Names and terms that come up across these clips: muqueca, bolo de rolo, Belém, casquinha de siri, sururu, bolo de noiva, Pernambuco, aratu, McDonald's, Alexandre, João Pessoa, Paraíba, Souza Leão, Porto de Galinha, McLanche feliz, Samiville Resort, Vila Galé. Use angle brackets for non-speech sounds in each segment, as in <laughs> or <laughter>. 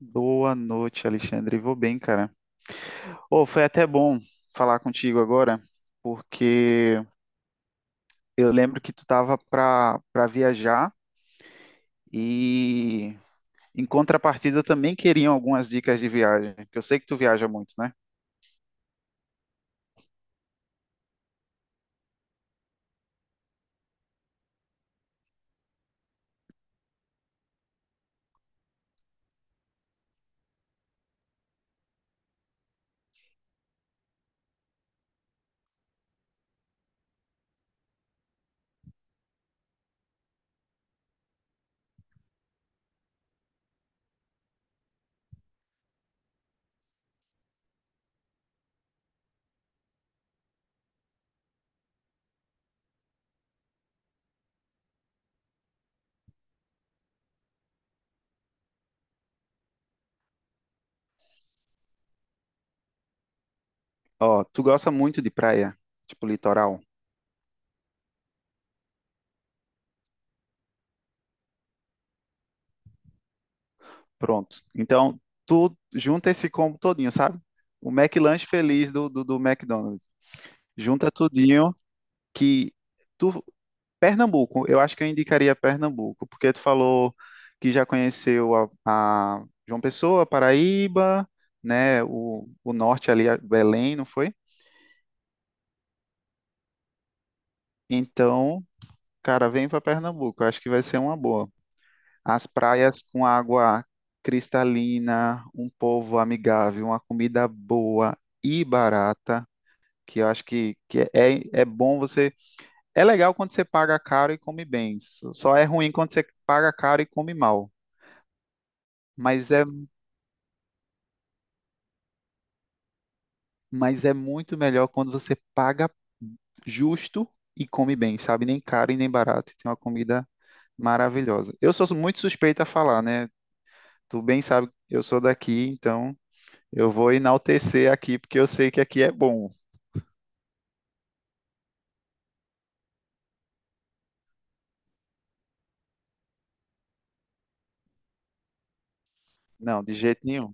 Boa noite, Alexandre. Vou bem, cara. Ô, foi até bom falar contigo agora, porque eu lembro que tu tava para viajar e em contrapartida eu também queriam algumas dicas de viagem, que eu sei que tu viaja muito, né? Ó, tu gosta muito de praia, tipo litoral. Pronto. Então, tu junta esse combo todinho, sabe? O McLanche feliz do McDonald's. Junta tudinho que tu Pernambuco, eu acho que eu indicaria Pernambuco, porque tu falou que já conheceu a João Pessoa, Paraíba, né? O norte ali, a Belém, não foi? Então, cara, vem para Pernambuco, eu acho que vai ser uma boa. As praias com água cristalina, um povo amigável, uma comida boa e barata, que eu acho que é bom você. É legal quando você paga caro e come bem, só é ruim quando você paga caro e come mal. Mas é mas é muito melhor quando você paga justo e come bem, sabe? Nem caro e nem barato. Tem uma comida maravilhosa. Eu sou muito suspeito a falar, né? Tu bem sabe que eu sou daqui, então eu vou enaltecer aqui porque eu sei que aqui é bom. Não, de jeito nenhum.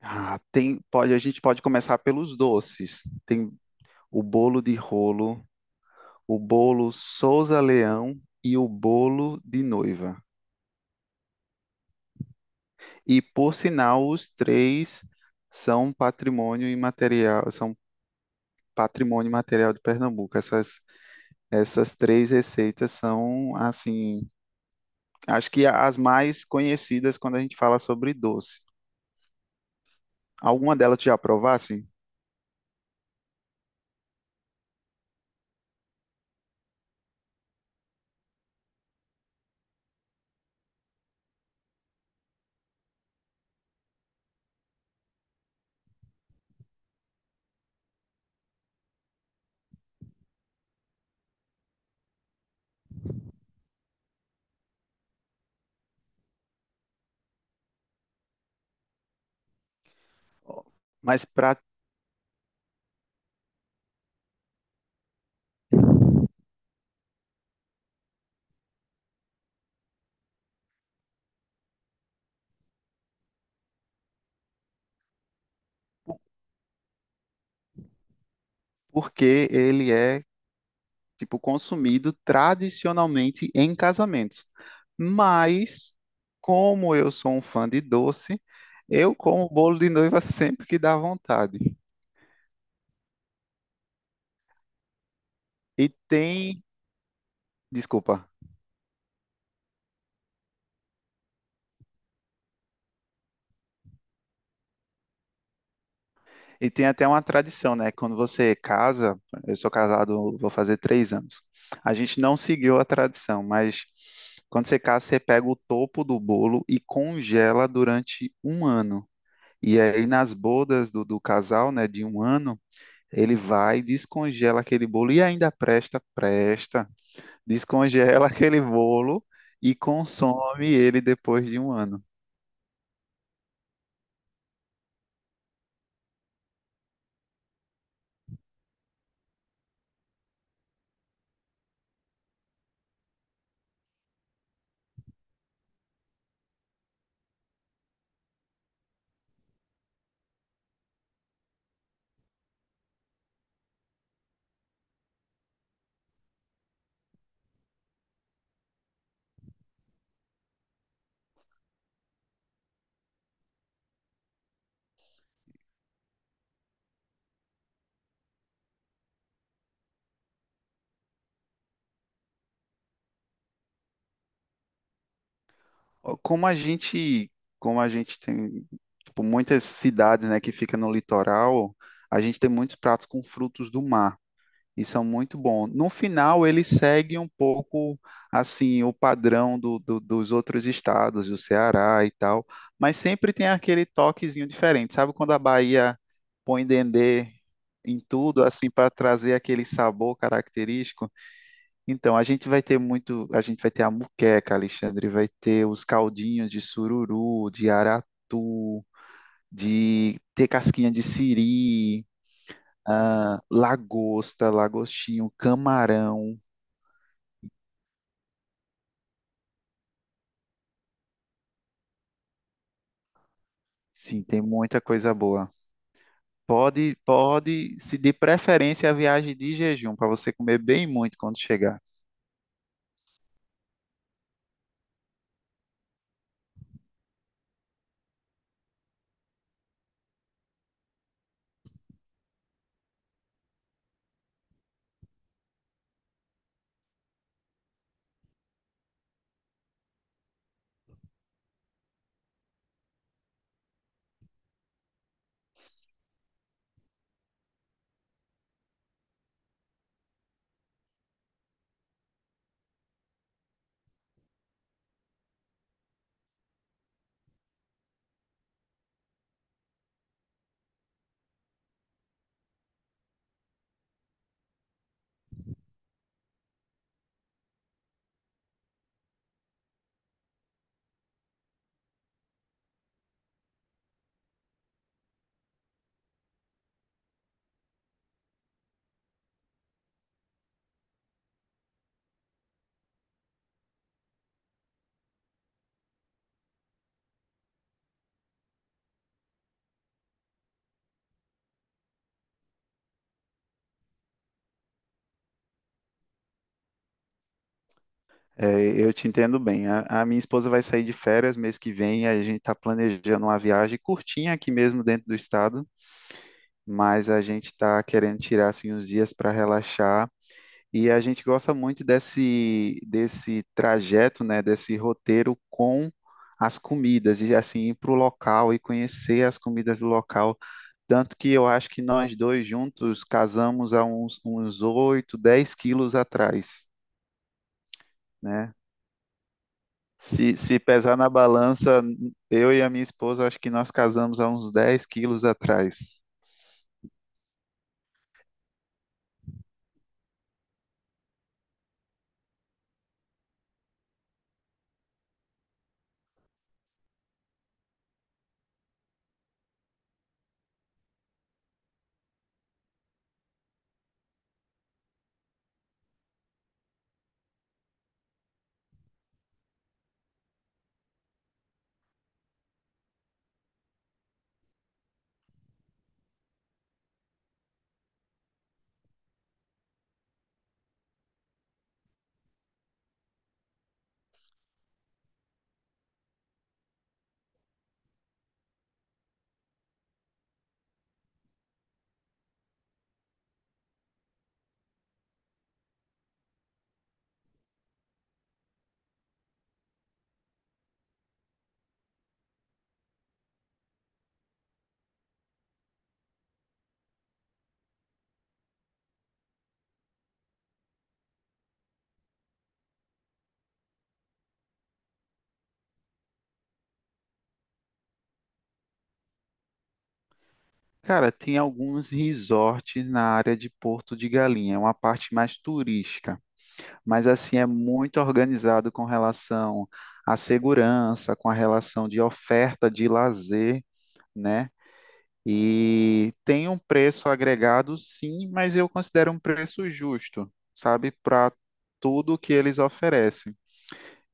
Ah, tem, pode, a gente pode começar pelos doces. Tem o bolo de rolo, o bolo Souza Leão e o bolo de noiva. E, por sinal, os três são patrimônio imaterial, são patrimônio material de Pernambuco. Essas três receitas são, assim, acho que as mais conhecidas quando a gente fala sobre doce. Alguma delas tu já provasse? Mas pra, porque ele é, tipo, consumido tradicionalmente em casamentos. Mas, como eu sou um fã de doce, eu como bolo de noiva <laughs> sempre que dá vontade. E tem Desculpa. E tem até uma tradição, né? Quando você casa, eu sou casado, vou fazer 3 anos. A gente não seguiu a tradição, mas quando você casa, você pega o topo do bolo e congela durante um ano. E aí, nas bodas do casal, né, de um ano, ele vai, descongela aquele bolo e ainda presta, descongela <laughs> aquele bolo e consome ele depois de um ano. Ó, como a gente tem, tipo, muitas cidades, né, que fica no litoral, a gente tem muitos pratos com frutos do mar e são muito bons. No final, ele segue um pouco, assim, o padrão dos outros estados, do Ceará e tal, mas sempre tem aquele toquezinho diferente. Sabe quando a Bahia põe dendê em tudo, assim, para trazer aquele sabor característico? Então, a gente vai ter muito, a gente vai ter a muqueca, Alexandre, vai ter os caldinhos de sururu, de aratu, de ter casquinha de siri, ah, lagosta, lagostinho, camarão. Sim, tem muita coisa boa. Pode, pode, se de preferência a viagem de jejum, para você comer bem muito quando chegar. É, eu te entendo bem. A minha esposa vai sair de férias mês que vem, a gente está planejando uma viagem curtinha aqui mesmo dentro do estado, mas a gente está querendo tirar assim uns dias para relaxar e a gente gosta muito desse desse trajeto, né, desse roteiro com as comidas e assim ir para o local e conhecer as comidas do local. Tanto que eu acho que nós dois juntos casamos há uns 8, 10 quilos atrás, né? Se pesar na balança, eu e a minha esposa, acho que nós casamos há uns 10 quilos atrás. Cara, tem alguns resorts na área de Porto de Galinha, é uma parte mais turística, mas assim é muito organizado com relação à segurança, com a relação de oferta de lazer, né? E tem um preço agregado, sim, mas eu considero um preço justo, sabe, para tudo que eles oferecem.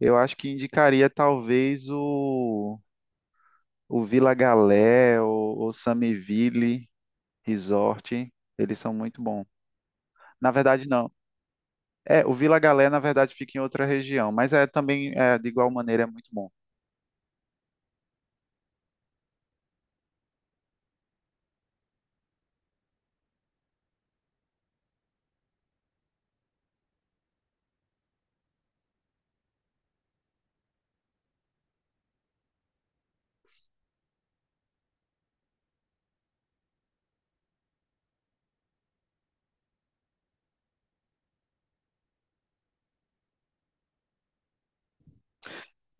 Eu acho que indicaria talvez o Vila Galé, o Samiville Resort, eles são muito bons. Na verdade, não. É, o Vila Galé, na verdade, fica em outra região, mas é também, é, de igual maneira, é muito bom.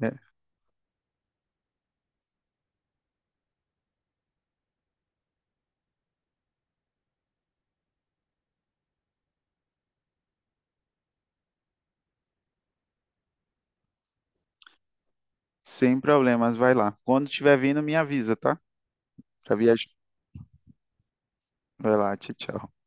É. Sem problemas, vai lá. Quando estiver vindo, me avisa, tá? Pra viajar. Vai lá, tchau, tchau.